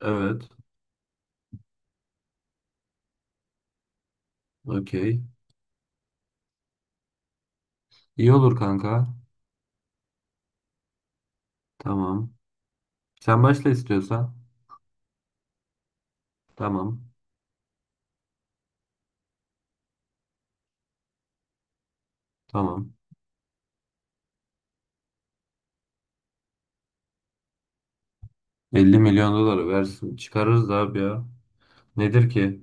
Evet. Okey. İyi olur kanka. Tamam. Sen başla istiyorsan. Tamam. Tamam. 50 milyon doları versin. Çıkarırız abi ya. Nedir ki?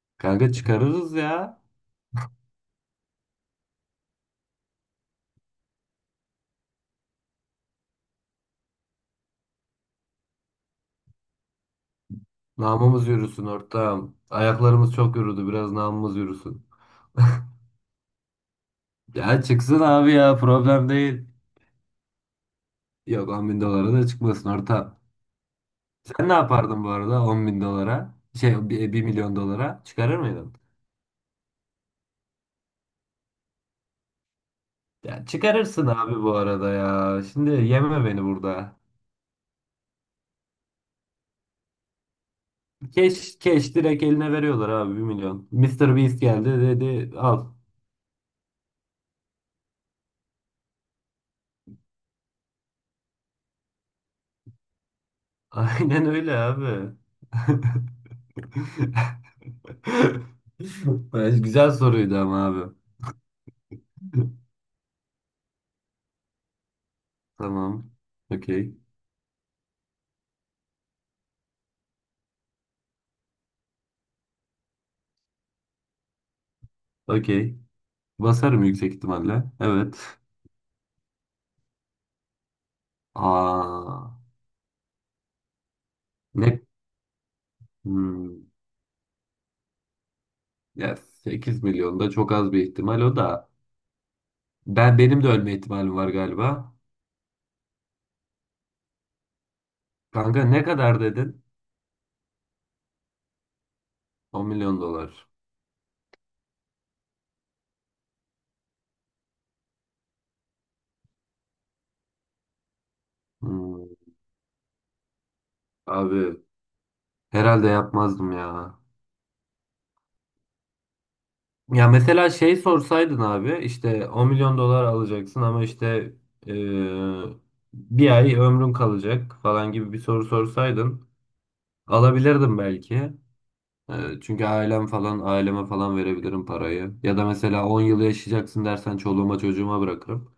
Kanka çıkarırız ya. Namımız yürüsün ortağım. Ayaklarımız çok yürüdü. Biraz namımız yürüsün. Ya çıksın abi ya. Problem değil. Yok 10 bin dolara da çıkmasın ortağım. Sen ne yapardın bu arada 10 bin dolara? Şey bir milyon dolara çıkarır mıydın? Ya çıkarırsın abi bu arada ya. Şimdi yeme beni burada. Keş, keş direkt eline veriyorlar abi 1 milyon. Mister Beast geldi dedi al. Aynen öyle abi. Güzel soruydu ama abi. Tamam. Okey. Okey. Basarım yüksek ihtimalle. Evet. Aa, ne? Hmm. Ya 8 milyon da çok az bir ihtimal o da. Ben benim de ölme ihtimalim var galiba. Kanka ne kadar dedin? 10 milyon dolar. Hmm. Abi herhalde yapmazdım ya. Ya mesela şey sorsaydın abi işte 10 milyon dolar alacaksın ama işte e, bir ay ömrün kalacak falan gibi bir soru sorsaydın alabilirdim belki. Çünkü ailem falan aileme falan verebilirim parayı. Ya da mesela 10 yıl yaşayacaksın dersen çoluğuma çocuğuma bırakırım.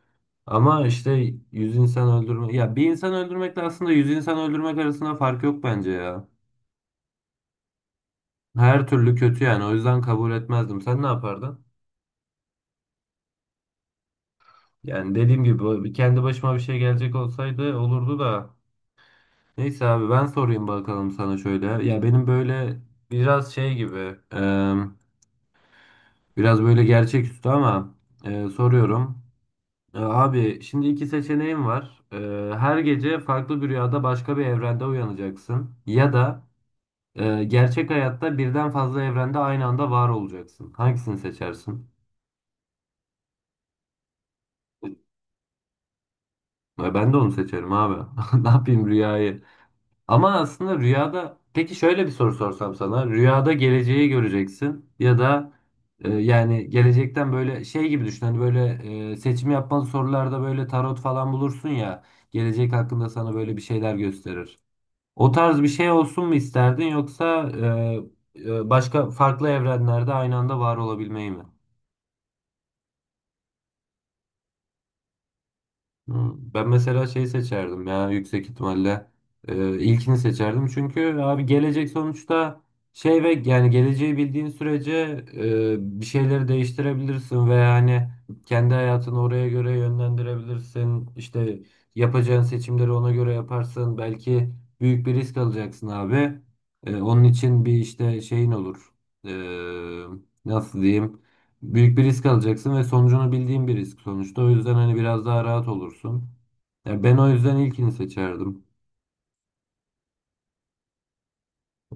Ama işte 100 insan öldürme ya bir insan öldürmekle aslında 100 insan öldürmek arasında fark yok bence ya. Her türlü kötü yani o yüzden kabul etmezdim. Sen ne yapardın? Yani dediğim gibi kendi başıma bir şey gelecek olsaydı olurdu da. Neyse abi ben sorayım bakalım sana şöyle. Ya benim böyle biraz şey gibi e, biraz böyle gerçeküstü ama soruyorum. Abi şimdi iki seçeneğim var. Her gece farklı bir rüyada başka bir evrende uyanacaksın. Ya da gerçek hayatta birden fazla evrende aynı anda var olacaksın. Hangisini seçersin? Ben de onu seçerim abi. Ne yapayım rüyayı? Ama aslında rüyada peki şöyle bir soru sorsam sana. Rüyada geleceği göreceksin ya da yani gelecekten böyle şey gibi düşün. Hani böyle seçim yapmalı sorularda böyle tarot falan bulursun ya. Gelecek hakkında sana böyle bir şeyler gösterir. O tarz bir şey olsun mu isterdin yoksa başka farklı evrenlerde aynı anda var olabilmeyi mi? Hmm. Ben mesela şey seçerdim ya yüksek ihtimalle. İlkini seçerdim çünkü abi gelecek sonuçta şey ve yani geleceği bildiğin sürece bir şeyleri değiştirebilirsin ve yani kendi hayatını oraya göre yönlendirebilirsin işte yapacağın seçimleri ona göre yaparsın belki büyük bir risk alacaksın abi. Onun için bir işte şeyin olur. Ee, nasıl diyeyim. Büyük bir risk alacaksın ve sonucunu bildiğin bir risk sonuçta. O yüzden hani biraz daha rahat olursun. Ya ben o yüzden ilkini seçerdim.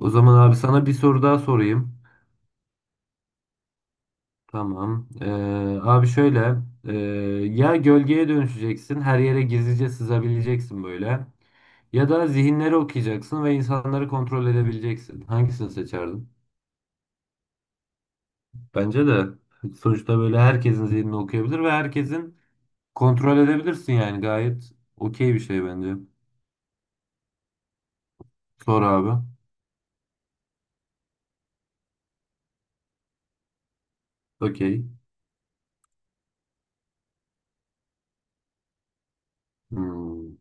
O zaman abi sana bir soru daha sorayım. Tamam. Abi şöyle. ee, ya gölgeye dönüşeceksin. Her yere gizlice sızabileceksin böyle. Ya da zihinleri okuyacaksın ve insanları kontrol edebileceksin. Hangisini seçerdin? Bence de sonuçta böyle herkesin zihnini okuyabilir ve herkesin kontrol edebilirsin yani gayet okey bir şey bence. Sor abi. Okey. Hmm.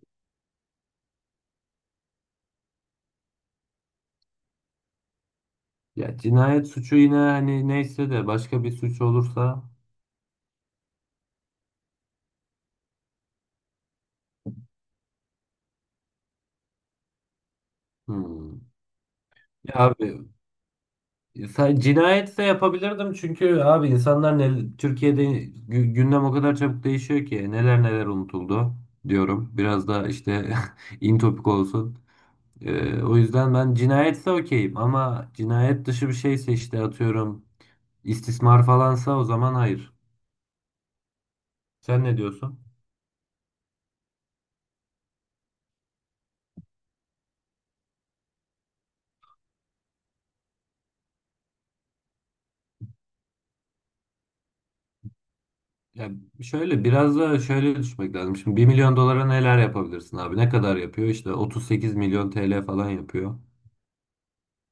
Ya cinayet suçu yine hani neyse de başka bir suç olursa. Hmm. Ya abi sen cinayetse yapabilirdim çünkü abi insanlar ne, Türkiye'de gündem o kadar çabuk değişiyor ki neler neler unutuldu diyorum. Biraz da işte in topik olsun. O yüzden ben cinayetse okeyim ama cinayet dışı bir şeyse işte atıyorum istismar falansa o zaman hayır. Sen ne diyorsun? Ya şöyle biraz da şöyle düşmek lazım. Şimdi 1 milyon dolara neler yapabilirsin abi? Ne kadar yapıyor? İşte 38 milyon TL falan yapıyor.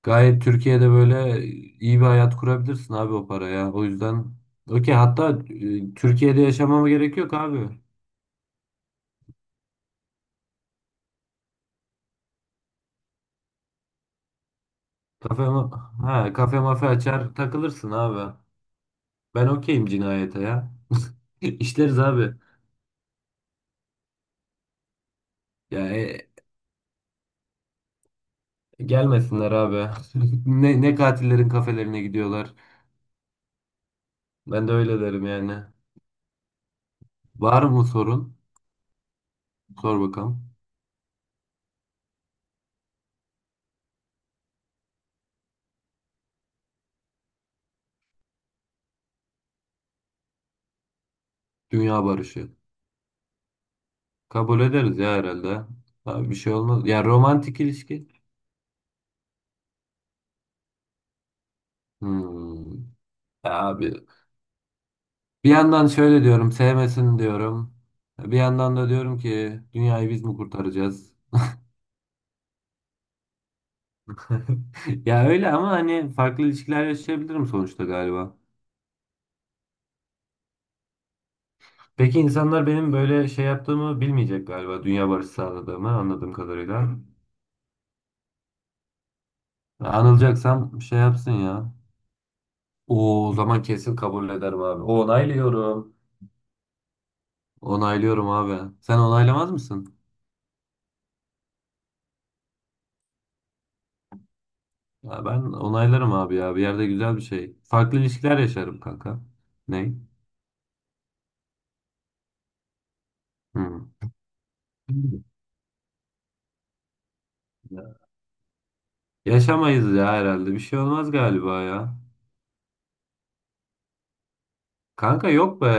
Gayet Türkiye'de böyle iyi bir hayat kurabilirsin abi o paraya. O yüzden okey hatta Türkiye'de yaşamama gerek yok abi. Kafe ma- ha kafe mafe açar takılırsın abi. Ben okeyim cinayete ya. İşleriz abi. Ya gelmesinler abi. Ne katillerin kafelerine gidiyorlar. Ben de öyle derim yani. Var mı sorun? Sor bakalım. Dünya barışı. Kabul ederiz ya herhalde. Abi bir şey olmaz. Ya romantik ilişki. Hmm. Ya abi bir yandan şöyle diyorum sevmesin diyorum. Bir yandan da diyorum ki dünyayı biz mi kurtaracağız? Ya öyle ama hani farklı ilişkiler yaşayabilirim sonuçta galiba. Peki insanlar benim böyle şey yaptığımı bilmeyecek galiba. Dünya barışı sağladığımı anladığım kadarıyla. Anılacaksam şey yapsın ya. Oo, o zaman kesin kabul ederim abi. Onaylıyorum. Onaylıyorum abi. Sen onaylamaz mısın? Ya ben onaylarım abi ya. Bir yerde güzel bir şey. Farklı ilişkiler yaşarım kanka. Ne? Hı. Ya. Yaşamayız ya herhalde. Bir şey olmaz galiba ya. Kanka yok be.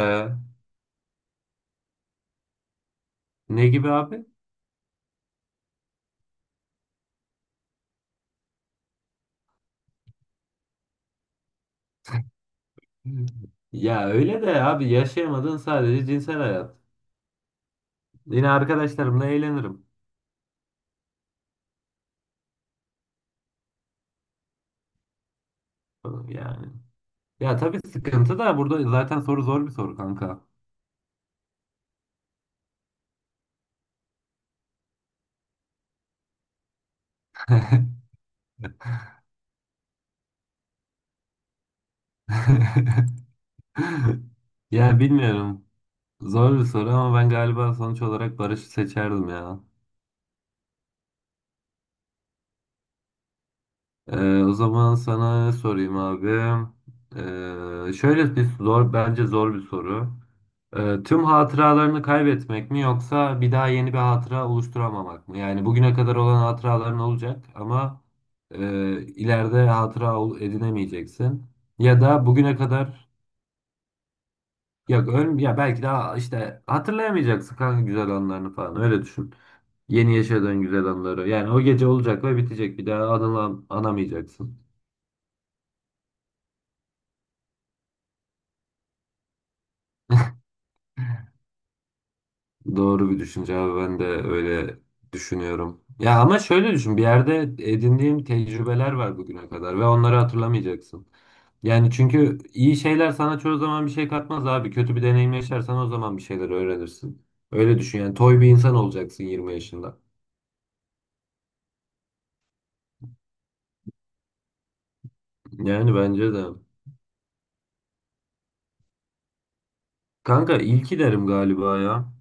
Ne gibi abi? Ya öyle de abi yaşayamadığın sadece cinsel hayat. Yine arkadaşlarımla eğlenirim. Yani. Ya tabii sıkıntı da burada zaten soru zor bir soru kanka. Ya bilmiyorum. Zor bir soru ama ben galiba sonuç olarak Barış'ı seçerdim ya. O zaman sana ne sorayım abi? Şöyle bir zor, bence zor bir soru. Tüm hatıralarını kaybetmek mi yoksa bir daha yeni bir hatıra oluşturamamak mı? Yani bugüne kadar olan hatıraların olacak ama e, ileride hatıra edinemeyeceksin. Ya da bugüne kadar ya belki daha işte hatırlayamayacaksın kanka güzel anlarını falan öyle düşün. Yeni yaşadığın güzel anıları. Yani o gece olacak ve bitecek. Bir daha anamayacaksın. Doğru bir düşünce abi. Ben de öyle düşünüyorum. Ya ama şöyle düşün. Bir yerde edindiğim tecrübeler var bugüne kadar ve onları hatırlamayacaksın. Yani çünkü iyi şeyler sana çoğu zaman bir şey katmaz abi. Kötü bir deneyim yaşarsan o zaman bir şeyler öğrenirsin. Öyle düşün yani. Toy bir insan olacaksın 20 yaşında. Yani bence de. Kanka ilki derim galiba ya.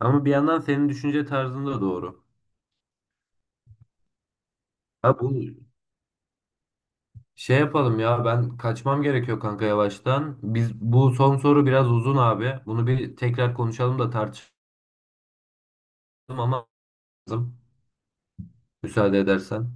Ama bir yandan senin düşünce tarzın da doğru. Ha bu şey yapalım ya ben kaçmam gerekiyor kanka yavaştan. Biz bu son soru biraz uzun abi. Bunu bir tekrar konuşalım da tartışalım ama lazım. Müsaade edersen.